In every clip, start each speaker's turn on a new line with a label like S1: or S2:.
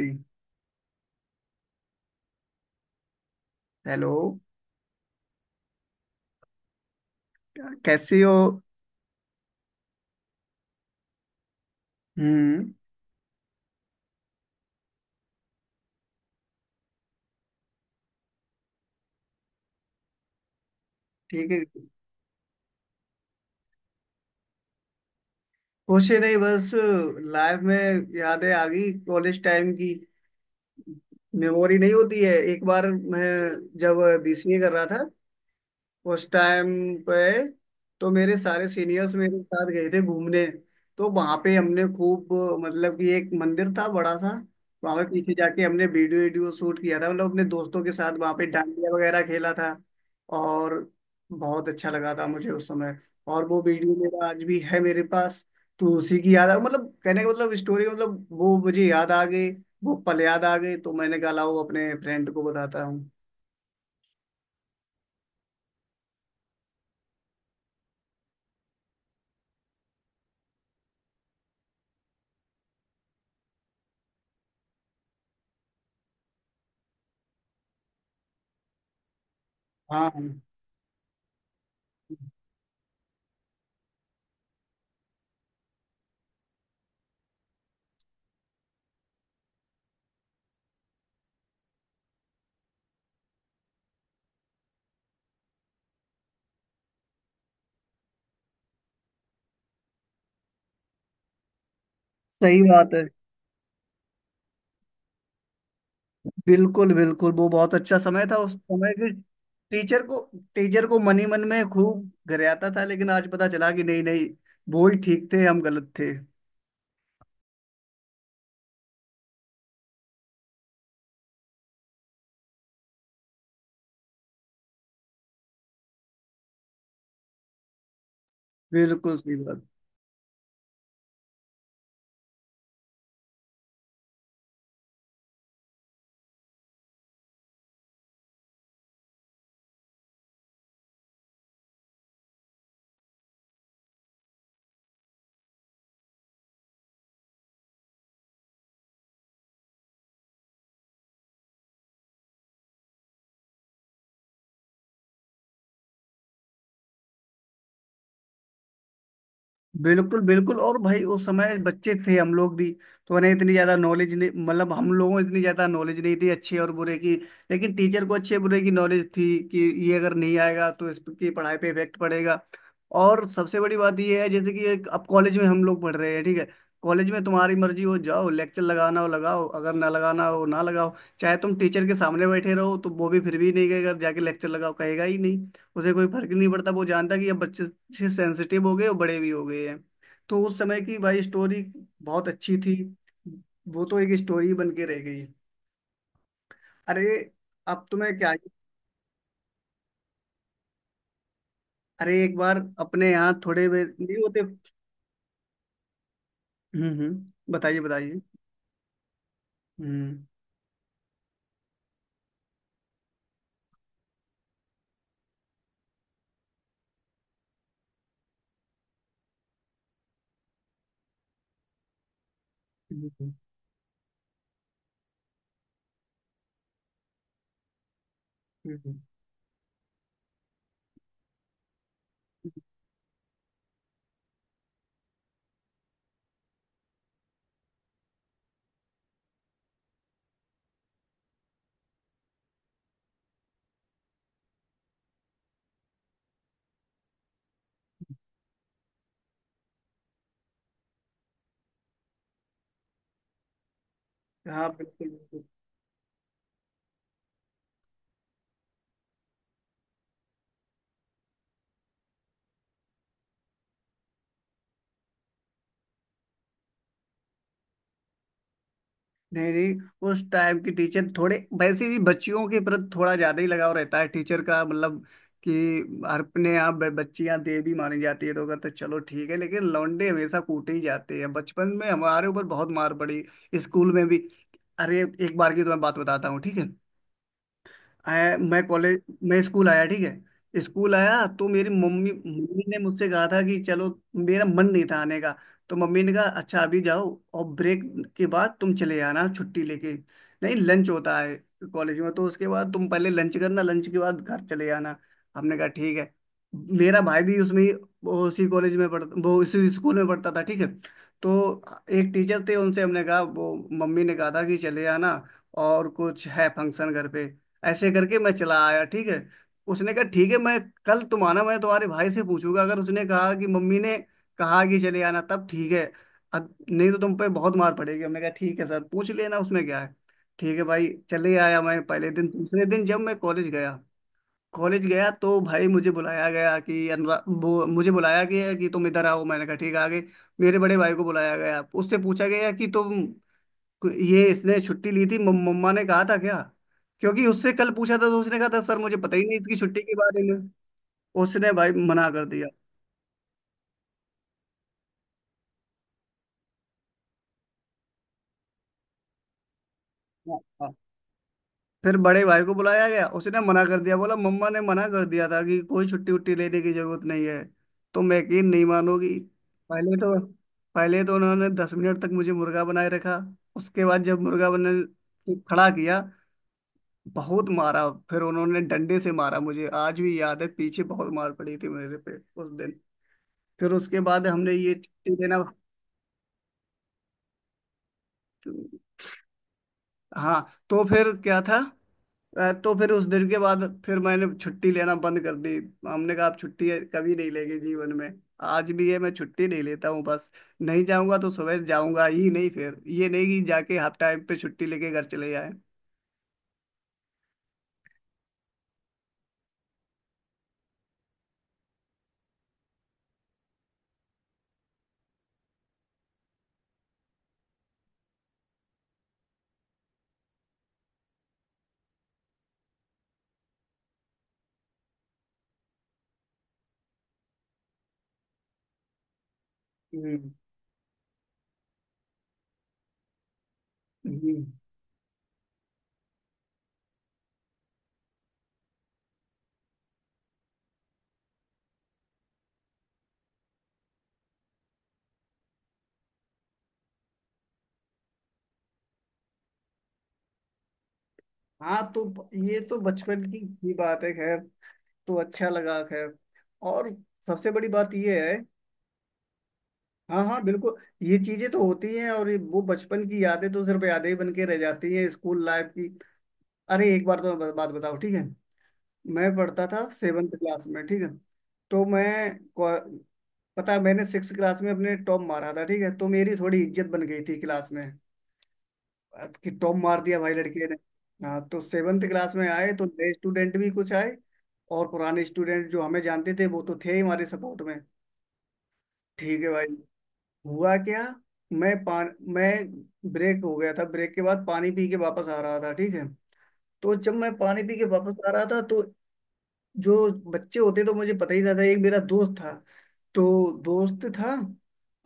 S1: जी। Hello. कैसी हो। हम्म। ठीक है। कुछ नहीं, बस लाइफ में यादें आ गई कॉलेज टाइम की। मेमोरी नहीं होती है एक बार। मैं जब बीसीए कर रहा था उस टाइम पे, तो मेरे सारे सीनियर्स मेरे साथ गए थे घूमने। तो वहां पे हमने खूब, मतलब कि एक मंदिर था बड़ा सा, वहां पे पीछे जाके हमने वीडियो वीडियो शूट किया था, मतलब अपने दोस्तों के साथ वहां पे डांडिया वगैरह खेला था। और बहुत अच्छा लगा था मुझे उस समय। और वो वीडियो मेरा आज भी है मेरे पास। तो उसी की याद आ, मतलब कहने का मतलब स्टोरी, मतलब वो मुझे याद आ गई। वो पल याद आ गए, तो मैंने कहा लाओ अपने फ्रेंड को बताता हूँ। हाँ, सही बात है। बिल्कुल बिल्कुल, वो बहुत अच्छा समय था उस समय के। टीचर को टीचर को मन ही मन में खूब गरियाता था, लेकिन आज पता चला कि नहीं नहीं, वो ही ठीक थे, हम गलत थे। बिल्कुल सही बात। बिल्कुल बिल्कुल, और भाई उस समय बच्चे थे हम लोग भी। तो उन्हें इतनी ज्यादा नॉलेज नहीं, मतलब हम लोगों को इतनी ज्यादा नॉलेज नहीं थी अच्छे और बुरे की। लेकिन टीचर को अच्छे बुरे की नॉलेज थी कि ये अगर नहीं आएगा तो इसकी पढ़ाई पे इफेक्ट पड़ेगा। और सबसे बड़ी बात यह है, जैसे कि एक अब कॉलेज में हम लोग पढ़ रहे हैं, ठीक है। कॉलेज में तुम्हारी मर्जी, हो जाओ लेक्चर लगाना हो लगाओ, अगर ना लगाना हो ना लगाओ, चाहे तुम टीचर के सामने बैठे रहो तो वो भी फिर भी नहीं कहेगा जाके लेक्चर लगाओ, कहेगा ही नहीं। उसे कोई फर्क ही नहीं पड़ता। वो जानता कि अब बच्चे सेंसिटिव हो गए और बड़े भी हो गए हैं। तो उस समय की भाई स्टोरी बहुत अच्छी थी। वो तो एक स्टोरी बन के रह गई। अरे, अब तुम्हें क्या। अरे एक बार अपने यहाँ थोड़े नहीं होते। हम्म, बताइए बताइए। हम्म। बिल्कुल, बिल्कुल। हाँ बिल्कुल बिल्कुल। नहीं नहीं, उस टाइम की टीचर थोड़े वैसे भी, बच्चियों के प्रति थोड़ा ज्यादा ही लगाव रहता है टीचर का, मतलब कि अपने यहाँ बच्चियाँ देवी मानी जाती है, तो कहते हैं चलो ठीक है, लेकिन लौंडे हमेशा कूटे ही जाते हैं। बचपन में हमारे ऊपर बहुत मार पड़ी, स्कूल में भी। अरे एक बार की तो मैं बात बताता हूँ, ठीक है। आया मैं कॉलेज, मैं स्कूल आया, ठीक है। स्कूल आया तो मेरी मम्मी मम्मी ने मुझसे कहा था कि चलो। मेरा मन नहीं था आने का। तो मम्मी ने कहा अच्छा अभी जाओ, और ब्रेक के बाद तुम चले आना छुट्टी लेके। नहीं, लंच होता है कॉलेज में, तो उसके बाद तुम पहले लंच करना, लंच के बाद घर चले आना। हमने कहा ठीक है। मेरा भाई भी वो उसी कॉलेज में पढ़ता, वो उसी स्कूल में पढ़ता था, ठीक है। तो एक टीचर थे, उनसे हमने कहा वो मम्मी ने कहा था कि चले आना, और कुछ है फंक्शन घर पे, ऐसे करके मैं चला आया ठीक है। उसने कहा ठीक है, मैं कल तुम आना, मैं तुम्हारे भाई से पूछूंगा, अगर उसने कहा कि मम्मी ने कहा कि चले आना तब ठीक है, नहीं तो तुम पे बहुत मार पड़ेगी। हमने कहा ठीक है सर, पूछ लेना उसमें क्या है। ठीक है भाई चले आया मैं पहले दिन। दूसरे दिन जब मैं कॉलेज गया, कॉलेज गया तो भाई मुझे बुलाया गया कि अनुरा वो, मुझे बुलाया गया कि तुम इधर आओ, मैंने कहा ठीक है, आ गए। मेरे बड़े भाई को बुलाया गया, उससे पूछा गया कि तुम, ये इसने छुट्टी ली थी, मम्मा ने कहा था क्या, क्योंकि उससे कल पूछा था तो उसने कहा था सर मुझे पता ही नहीं इसकी छुट्टी के बारे में। उसने भाई मना कर दिया। हाँ, हाँ। फिर बड़े भाई को बुलाया गया, उसने मना कर दिया, बोला मम्मा ने मना कर दिया था कि कोई छुट्टी उट्टी लेने की जरूरत नहीं है। तो मैं, यकीन नहीं मानोगी, पहले तो पहले तो उन्होंने 10 मिनट तक मुझे मुर्गा बनाए रखा। उसके बाद जब मुर्गा बनाने खड़ा किया, बहुत मारा, फिर उन्होंने डंडे से मारा, मुझे आज भी याद है पीछे बहुत मार पड़ी थी मेरे पे उस दिन। फिर उसके बाद हमने ये छुट्टी देना, हाँ, तो फिर क्या था। तो फिर उस दिन के बाद फिर मैंने छुट्टी लेना बंद कर दी। हमने कहा आप छुट्टी कभी नहीं लेंगे जीवन में। आज भी है, मैं छुट्टी नहीं लेता हूँ बस। नहीं जाऊंगा तो सुबह जाऊंगा ही नहीं, फिर ये नहीं कि जाके हाफ टाइम पे छुट्टी लेके घर चले जाए। हम्म हम्म। हाँ, तो ये तो बचपन की ही बात है खैर। तो अच्छा लगा खैर, और सबसे बड़ी बात ये है। हाँ हाँ, बिल्कुल। ये चीजें तो होती हैं, और वो बचपन की यादें तो सिर्फ यादें ही बन के रह जाती हैं स्कूल लाइफ की। अरे एक बार तो मैं बात बताओ ठीक है। मैं पढ़ता था सेवन्थ क्लास में, ठीक है। तो को- पता है, मैंने सिक्स क्लास में अपने टॉप मारा था ठीक है, तो मेरी थोड़ी इज्जत बन गई थी क्लास में, अब कि टॉप मार दिया भाई लड़के ने। हाँ, तो सेवन्थ क्लास में आए तो नए स्टूडेंट भी कुछ आए, और पुराने स्टूडेंट जो हमें जानते थे वो तो थे ही हमारे सपोर्ट में, ठीक है भाई। हुआ क्या, मैं पान मैं ब्रेक हो गया था, ब्रेक के बाद पानी पी के वापस आ रहा था ठीक है। तो जब मैं पानी पी के वापस आ रहा था, तो जो बच्चे होते तो मुझे पता ही ना था, एक मेरा दोस्त था, तो दोस्त था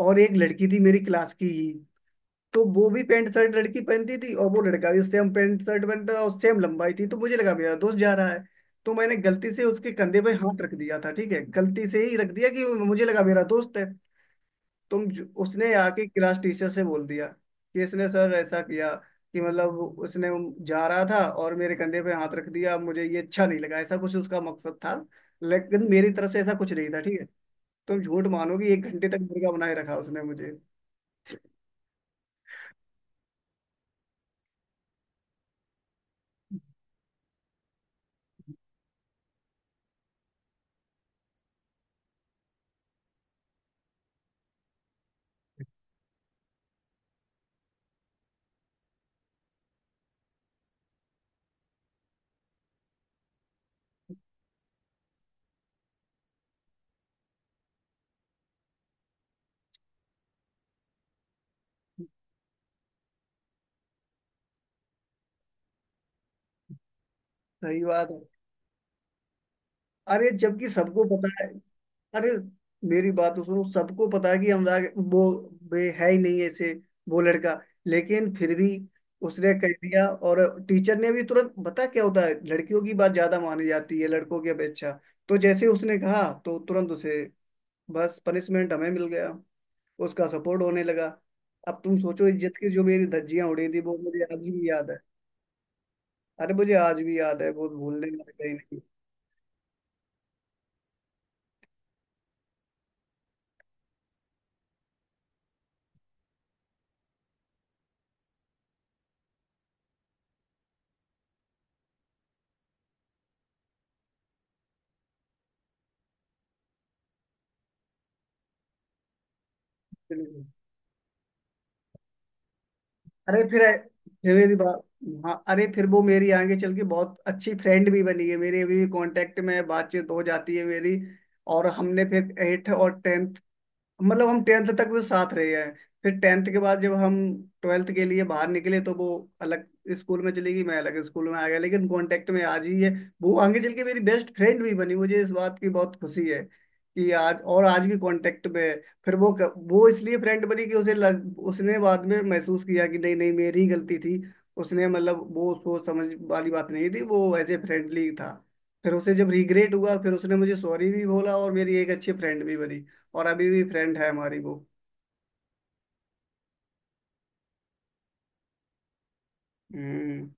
S1: और एक लड़की थी मेरी क्लास की ही। तो वो भी पैंट शर्ट लड़की पहनती थी, और वो लड़का भी सेम पैंट शर्ट पहनता था और सेम लंबाई थी, तो मुझे लगा मेरा दोस्त जा रहा है। तो मैंने गलती से उसके कंधे पे हाथ रख दिया था, ठीक है, गलती से ही रख दिया कि मुझे लगा मेरा दोस्त है। उसने आके क्लास टीचर से बोल दिया कि इसने सर ऐसा किया कि, मतलब उसने, जा रहा था और मेरे कंधे पे हाथ रख दिया, मुझे ये अच्छा नहीं लगा, ऐसा कुछ उसका मकसद था। लेकिन मेरी तरफ से ऐसा कुछ नहीं था ठीक है। तुम झूठ मानोगी, 1 घंटे तक मुर्गा बनाए रखा उसने मुझे। सही बात, अरे जबकि सबको पता है। अरे मेरी बात तो सुनो, सबको पता है कि अनुराग वो, वे है ही नहीं ऐसे, वो लड़का, लेकिन फिर भी उसने कह दिया। और टीचर ने भी तुरंत, बता क्या होता है, लड़कियों की बात ज्यादा मानी जाती है लड़कों की अपेक्षा। तो जैसे उसने कहा तो तुरंत उसे, बस पनिशमेंट हमें मिल गया, उसका सपोर्ट होने लगा। अब तुम सोचो इज्जत की जो मेरी धज्जियां उड़ी थी वो मुझे आज भी याद है। अरे मुझे आज भी याद है, वो भूलने लायक है ही नहीं। अरे फिर मेरी बात, हाँ। अरे फिर वो मेरी आगे चल के बहुत अच्छी फ्रेंड भी बनी है, मेरी अभी भी कांटेक्ट में है, बातचीत हो जाती है मेरी। और हमने फिर एट और टेंथ, मतलब हम टेंथ तक वो साथ रहे हैं। फिर टेंथ के बाद जब हम ट्वेल्थ के लिए बाहर निकले, तो वो अलग स्कूल में चली गई, मैं अलग स्कूल में आ गया, लेकिन कांटेक्ट में आज ही है। वो आगे चल के मेरी बेस्ट फ्रेंड भी बनी, मुझे इस बात की बहुत खुशी है कि आज, और आज भी कांटेक्ट में है। फिर वो वो इसलिए फ्रेंड बनी कि उसे लग, उसने बाद में महसूस किया कि नहीं नहीं मेरी ही गलती थी, उसने मतलब वो सोच समझ वाली बात नहीं थी, वो ऐसे फ्रेंडली था। फिर उसे जब रिग्रेट हुआ, फिर उसने मुझे सॉरी भी बोला और मेरी एक अच्छी फ्रेंड भी बनी, और अभी भी फ्रेंड है हमारी वो। Hmm.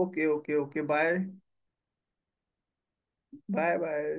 S1: Okay okay okay, bye. Bye bye.